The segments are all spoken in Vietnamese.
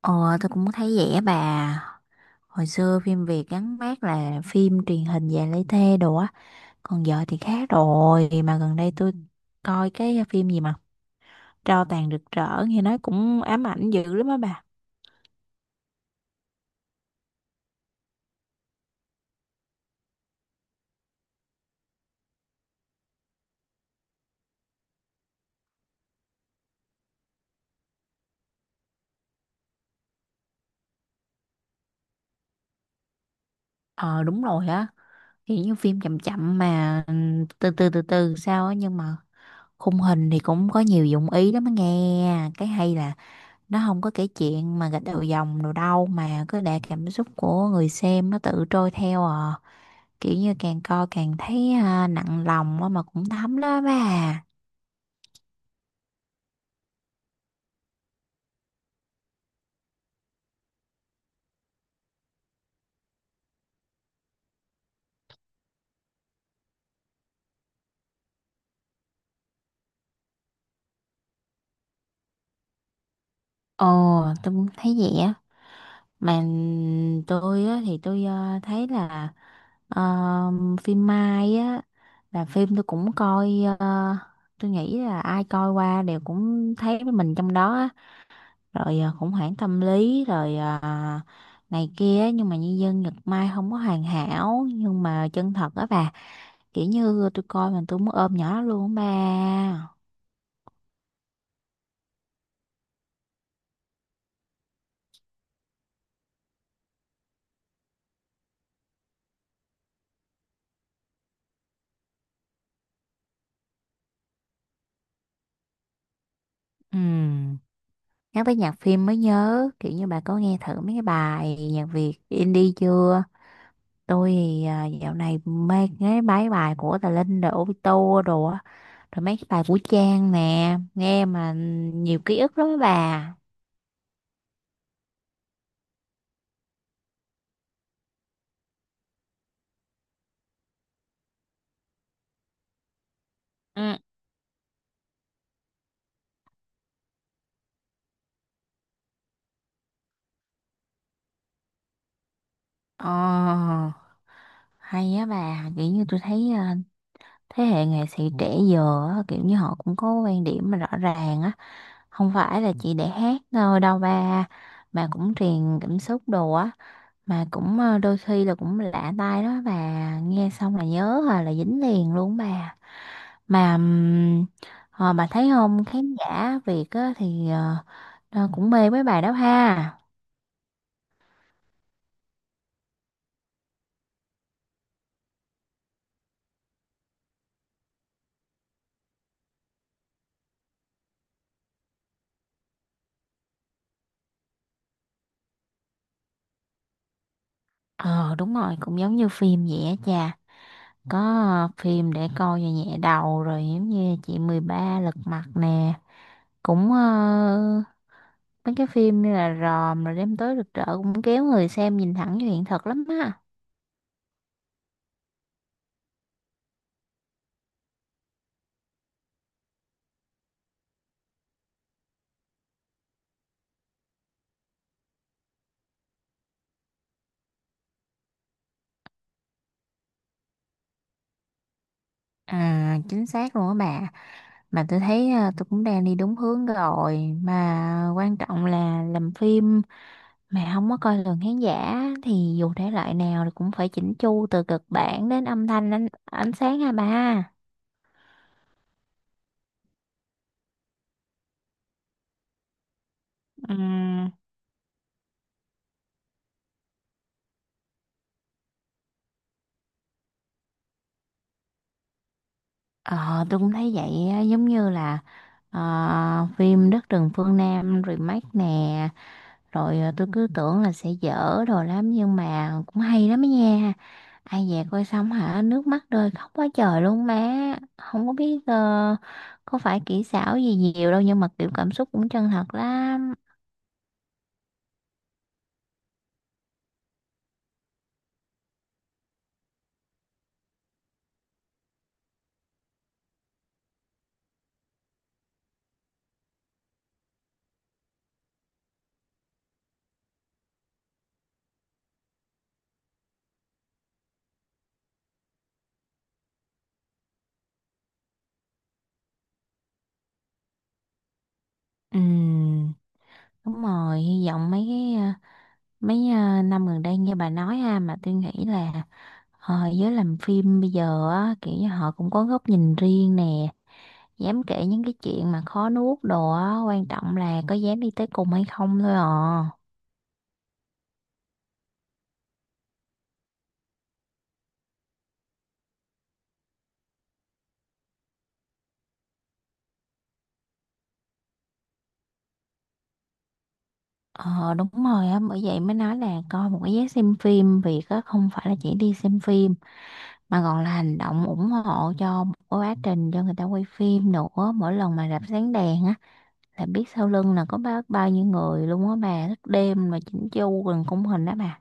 Ờ, tôi cũng thấy vậy á bà. Hồi xưa phim Việt gắn mác là phim truyền hình dài lấy thê đồ á. Còn giờ thì khác rồi. Mà gần đây tôi coi cái phim gì mà Tro tàn rực rỡ nghe nói cũng ám ảnh dữ lắm á bà. Ờ, đúng rồi á. Kiểu như phim chậm chậm mà từ từ sao á. Nhưng mà khung hình thì cũng có nhiều dụng ý lắm á nghe. Cái hay là nó không có kể chuyện mà gạch đầu dòng đồ đâu. Mà cứ để cảm xúc của người xem nó tự trôi theo à. Kiểu như càng coi càng thấy nặng lòng á mà cũng thấm đó bà. Ồ, tôi cũng thấy vậy á. Mà tôi á thì tôi à, thấy là à, phim Mai á là phim tôi cũng coi. à, tôi nghĩ là ai coi qua đều cũng thấy mình trong đó á. Rồi khủng hoảng tâm lý rồi này kia á. Nhưng mà nhân dân Nhật Mai không có hoàn hảo nhưng mà chân thật á bà. Kiểu như tôi coi mà tôi muốn ôm nhỏ luôn á bà. Ừm. Nhắc tới nhạc phim mới nhớ, kiểu như bà có nghe thử mấy cái bài nhạc Việt indie chưa? Tôi thì dạo này mê nghe mấy bài của Tà Linh rồi Obito đồ á, rồi mấy cái bài của Trang nè, nghe mà nhiều ký ức lắm á bà. Ừ. Ờ, hay á bà. Kiểu như tôi thấy thế hệ nghệ sĩ trẻ giờ á, kiểu như họ cũng có quan điểm mà rõ ràng á, không phải là chỉ để hát thôi đâu ba, mà cũng truyền cảm xúc đồ á, mà cũng đôi khi là cũng lạ tai đó bà. Nghe xong là nhớ rồi là dính liền luôn bà. Mà bà thấy không, khán giả Việt á, thì nó cũng mê mấy bài đó ha. Ờ, đúng rồi, cũng giống như phim vậy á cha. Có phim để coi cho nhẹ đầu, rồi giống như chị mười ba lật mặt nè, cũng mấy cái phim như là Ròm rồi đêm tối rực rỡ cũng kéo người xem nhìn thẳng vào hiện thực lắm á. À, chính xác luôn á bà. Mà tôi thấy tôi cũng đang đi đúng hướng rồi, mà quan trọng là làm phim mà không có coi lường khán giả, thì dù thể loại nào thì cũng phải chỉnh chu từ kịch bản đến âm thanh, ánh sáng ha ba. Ừm. Ờ, tôi cũng thấy vậy á, giống như là phim Đất rừng phương Nam remake nè. Rồi tôi cứ tưởng là sẽ dở đồ lắm nhưng mà cũng hay lắm ấy nha. Ai về coi xong hả, nước mắt rơi khóc quá trời luôn má. Không có biết có phải kỹ xảo gì nhiều đâu nhưng mà kiểu cảm xúc cũng chân thật lắm. Ừm. Đúng rồi, hy vọng mấy năm gần đây như bà nói ha, mà tôi nghĩ là giới làm phim bây giờ á, kiểu như họ cũng có góc nhìn riêng nè, dám kể những cái chuyện mà khó nuốt đồ á, quan trọng là có dám đi tới cùng hay không thôi à. Ờ, đúng rồi á, bởi vậy mới nói là coi một cái vé xem phim việc á không phải là chỉ đi xem phim, mà còn là hành động ủng hộ cho một cái quá trình cho người ta quay phim nữa. Mỗi lần mà rạp sáng đèn á là biết sau lưng là có bao bao nhiêu người luôn á bà, thức đêm mà chỉnh chu gần khung hình đó bà.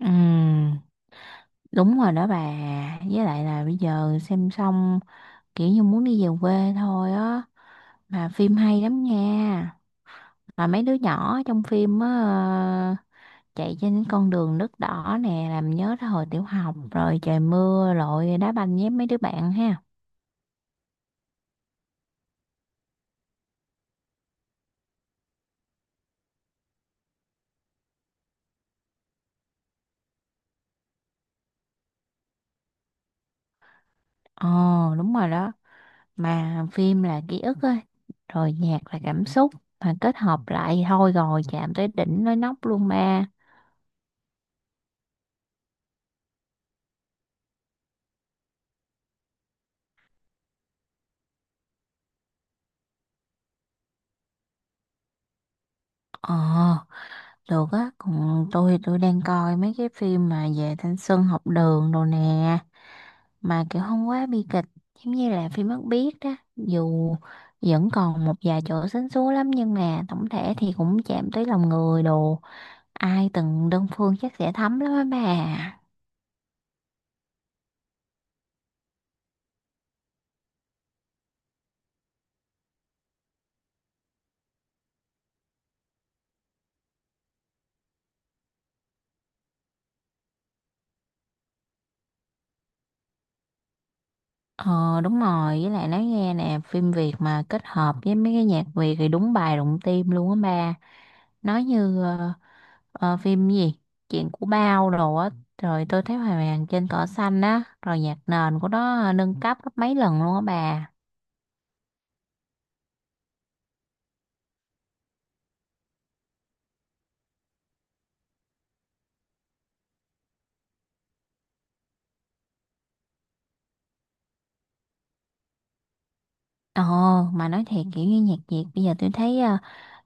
Ừ, đúng rồi đó bà. Với lại là bây giờ xem xong kiểu như muốn đi về quê thôi á, mà phim hay lắm nha. Mà mấy đứa nhỏ trong phim á, chạy trên con đường nước đỏ nè, làm nhớ tới hồi tiểu học rồi trời mưa lội đá banh với mấy đứa bạn ha. Ồ, đúng rồi đó. Mà phim là ký ức á, rồi nhạc là cảm xúc, mà kết hợp lại thôi rồi chạm tới đỉnh nói nóc luôn ba. Ờ, được á. Còn tôi đang coi mấy cái phim mà về thanh xuân học đường đồ nè, mà kiểu không quá bi kịch, giống như là phim Mắt Biếc đó, dù vẫn còn một vài chỗ sến súa lắm nhưng mà tổng thể thì cũng chạm tới lòng người đồ. Ai từng đơn phương chắc sẽ thấm lắm á bà. Ờ, đúng rồi, với lại nói nghe nè, phim Việt mà kết hợp với mấy cái nhạc Việt thì đúng bài đụng tim luôn á bà. Nói như phim gì, chuyện của Bao đồ á, rồi tôi thấy hoàng Hoàng trên cỏ xanh á, rồi nhạc nền của nó nâng cấp gấp mấy lần luôn á bà. Ồ, mà nói thiệt kiểu như nhạc Việt bây giờ tôi thấy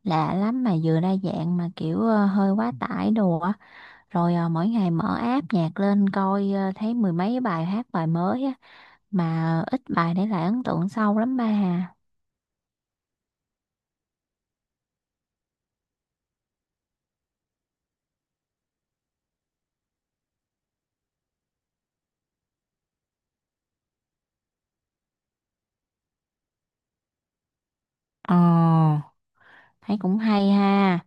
lạ lắm, mà vừa đa dạng mà kiểu hơi quá tải đồ á. Rồi mỗi ngày mở app nhạc lên coi thấy mười mấy bài mới á. Mà ít bài để lại ấn tượng sâu lắm ba hà. Ồ, thấy cũng hay ha.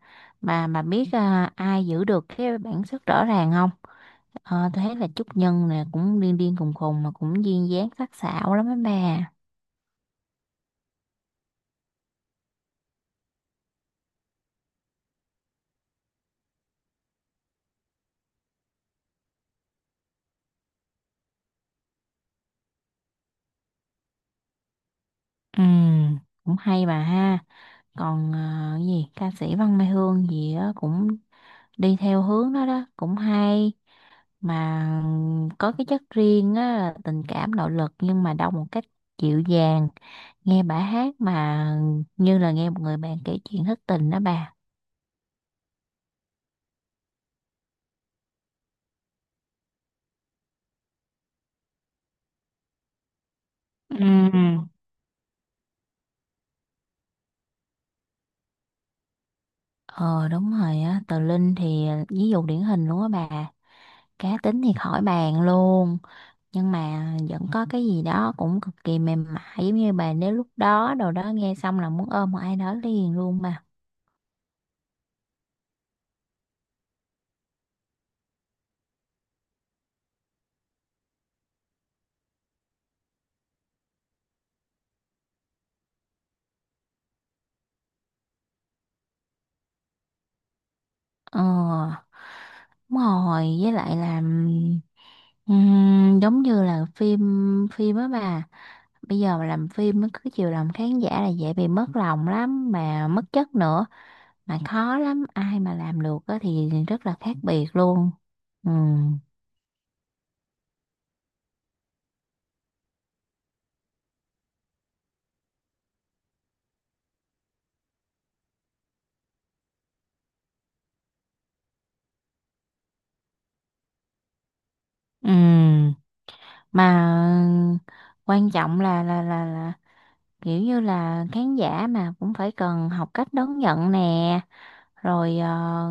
Mà biết ai giữ được cái bản sắc rõ ràng không? Ờ, tôi thấy là Trúc Nhân nè cũng điên điên khùng khùng mà cũng duyên dáng sắc sảo lắm á bà. Ừ, cũng hay bà ha. Còn cái gì ca sĩ Văn Mai Hương gì á, cũng đi theo hướng đó đó cũng hay, mà có cái chất riêng á, là tình cảm nội lực nhưng mà đâu một cách dịu dàng. Nghe bà hát mà như là nghe một người bạn kể chuyện thất tình đó bà. Ừ. Ờ, đúng rồi á. Tờ Linh thì ví dụ điển hình luôn á bà, cá tính thì khỏi bàn luôn, nhưng mà vẫn có cái gì đó cũng cực kỳ mềm mại, giống như bà nếu lúc đó đồ đó nghe xong là muốn ôm một ai đó liền luôn mà. Ờ, đúng rồi, với lại là giống như là phim phim á bà, bây giờ mà làm phim nó cứ chiều lòng khán giả là dễ bị mất lòng lắm mà mất chất nữa, mà khó lắm, ai mà làm được á thì rất là khác biệt luôn. Ừm. Ừ, mà quan trọng là kiểu như là khán giả mà cũng phải cần học cách đón nhận nè, rồi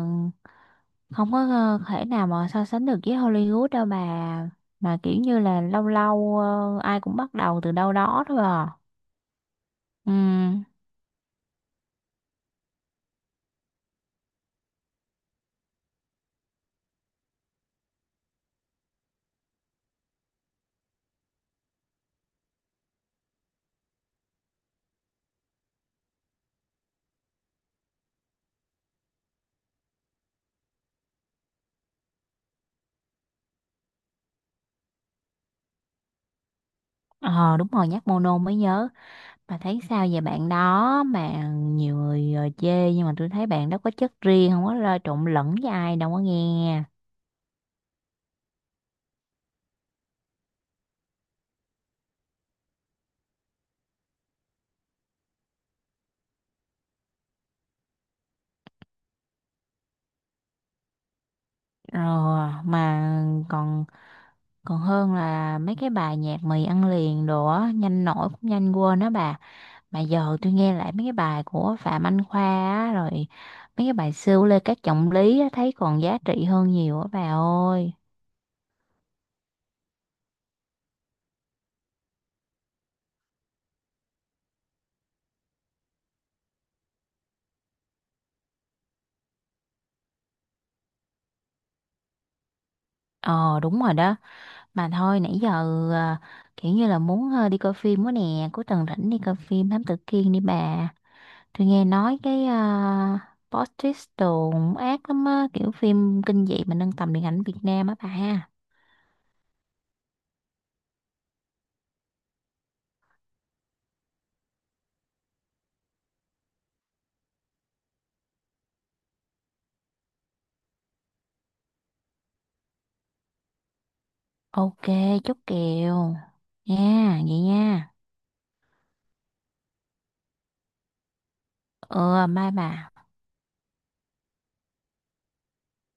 không có thể nào mà so sánh được với Hollywood đâu bà, mà kiểu như là lâu lâu ai cũng bắt đầu từ đâu đó thôi à. Ừ. Ờ, đúng rồi, nhắc Mono mới nhớ, bà thấy sao về bạn đó? Mà nhiều người chê nhưng mà tôi thấy bạn đó có chất riêng, không có lo trộn lẫn với ai đâu có nghe. Rồi mà còn còn hơn là mấy cái bài nhạc mì ăn liền đồ á, nhanh nổi cũng nhanh quên đó bà. Mà giờ tôi nghe lại mấy cái bài của Phạm Anh Khoa á, rồi mấy cái bài siêu Lê Cát Trọng Lý á, thấy còn giá trị hơn nhiều á bà ơi. Ờ, đúng rồi đó. Mà thôi nãy giờ à, kiểu như là muốn đi coi phim quá nè, cuối tuần rảnh đi coi phim Thám Tử Kiên đi bà. Tôi nghe nói cái plot twist đồ cũng ác lắm á, kiểu phim kinh dị mà nâng tầm điện ảnh Việt Nam á bà. Ok, chốt kèo. Nha, vậy nha. Ừ, bye bà.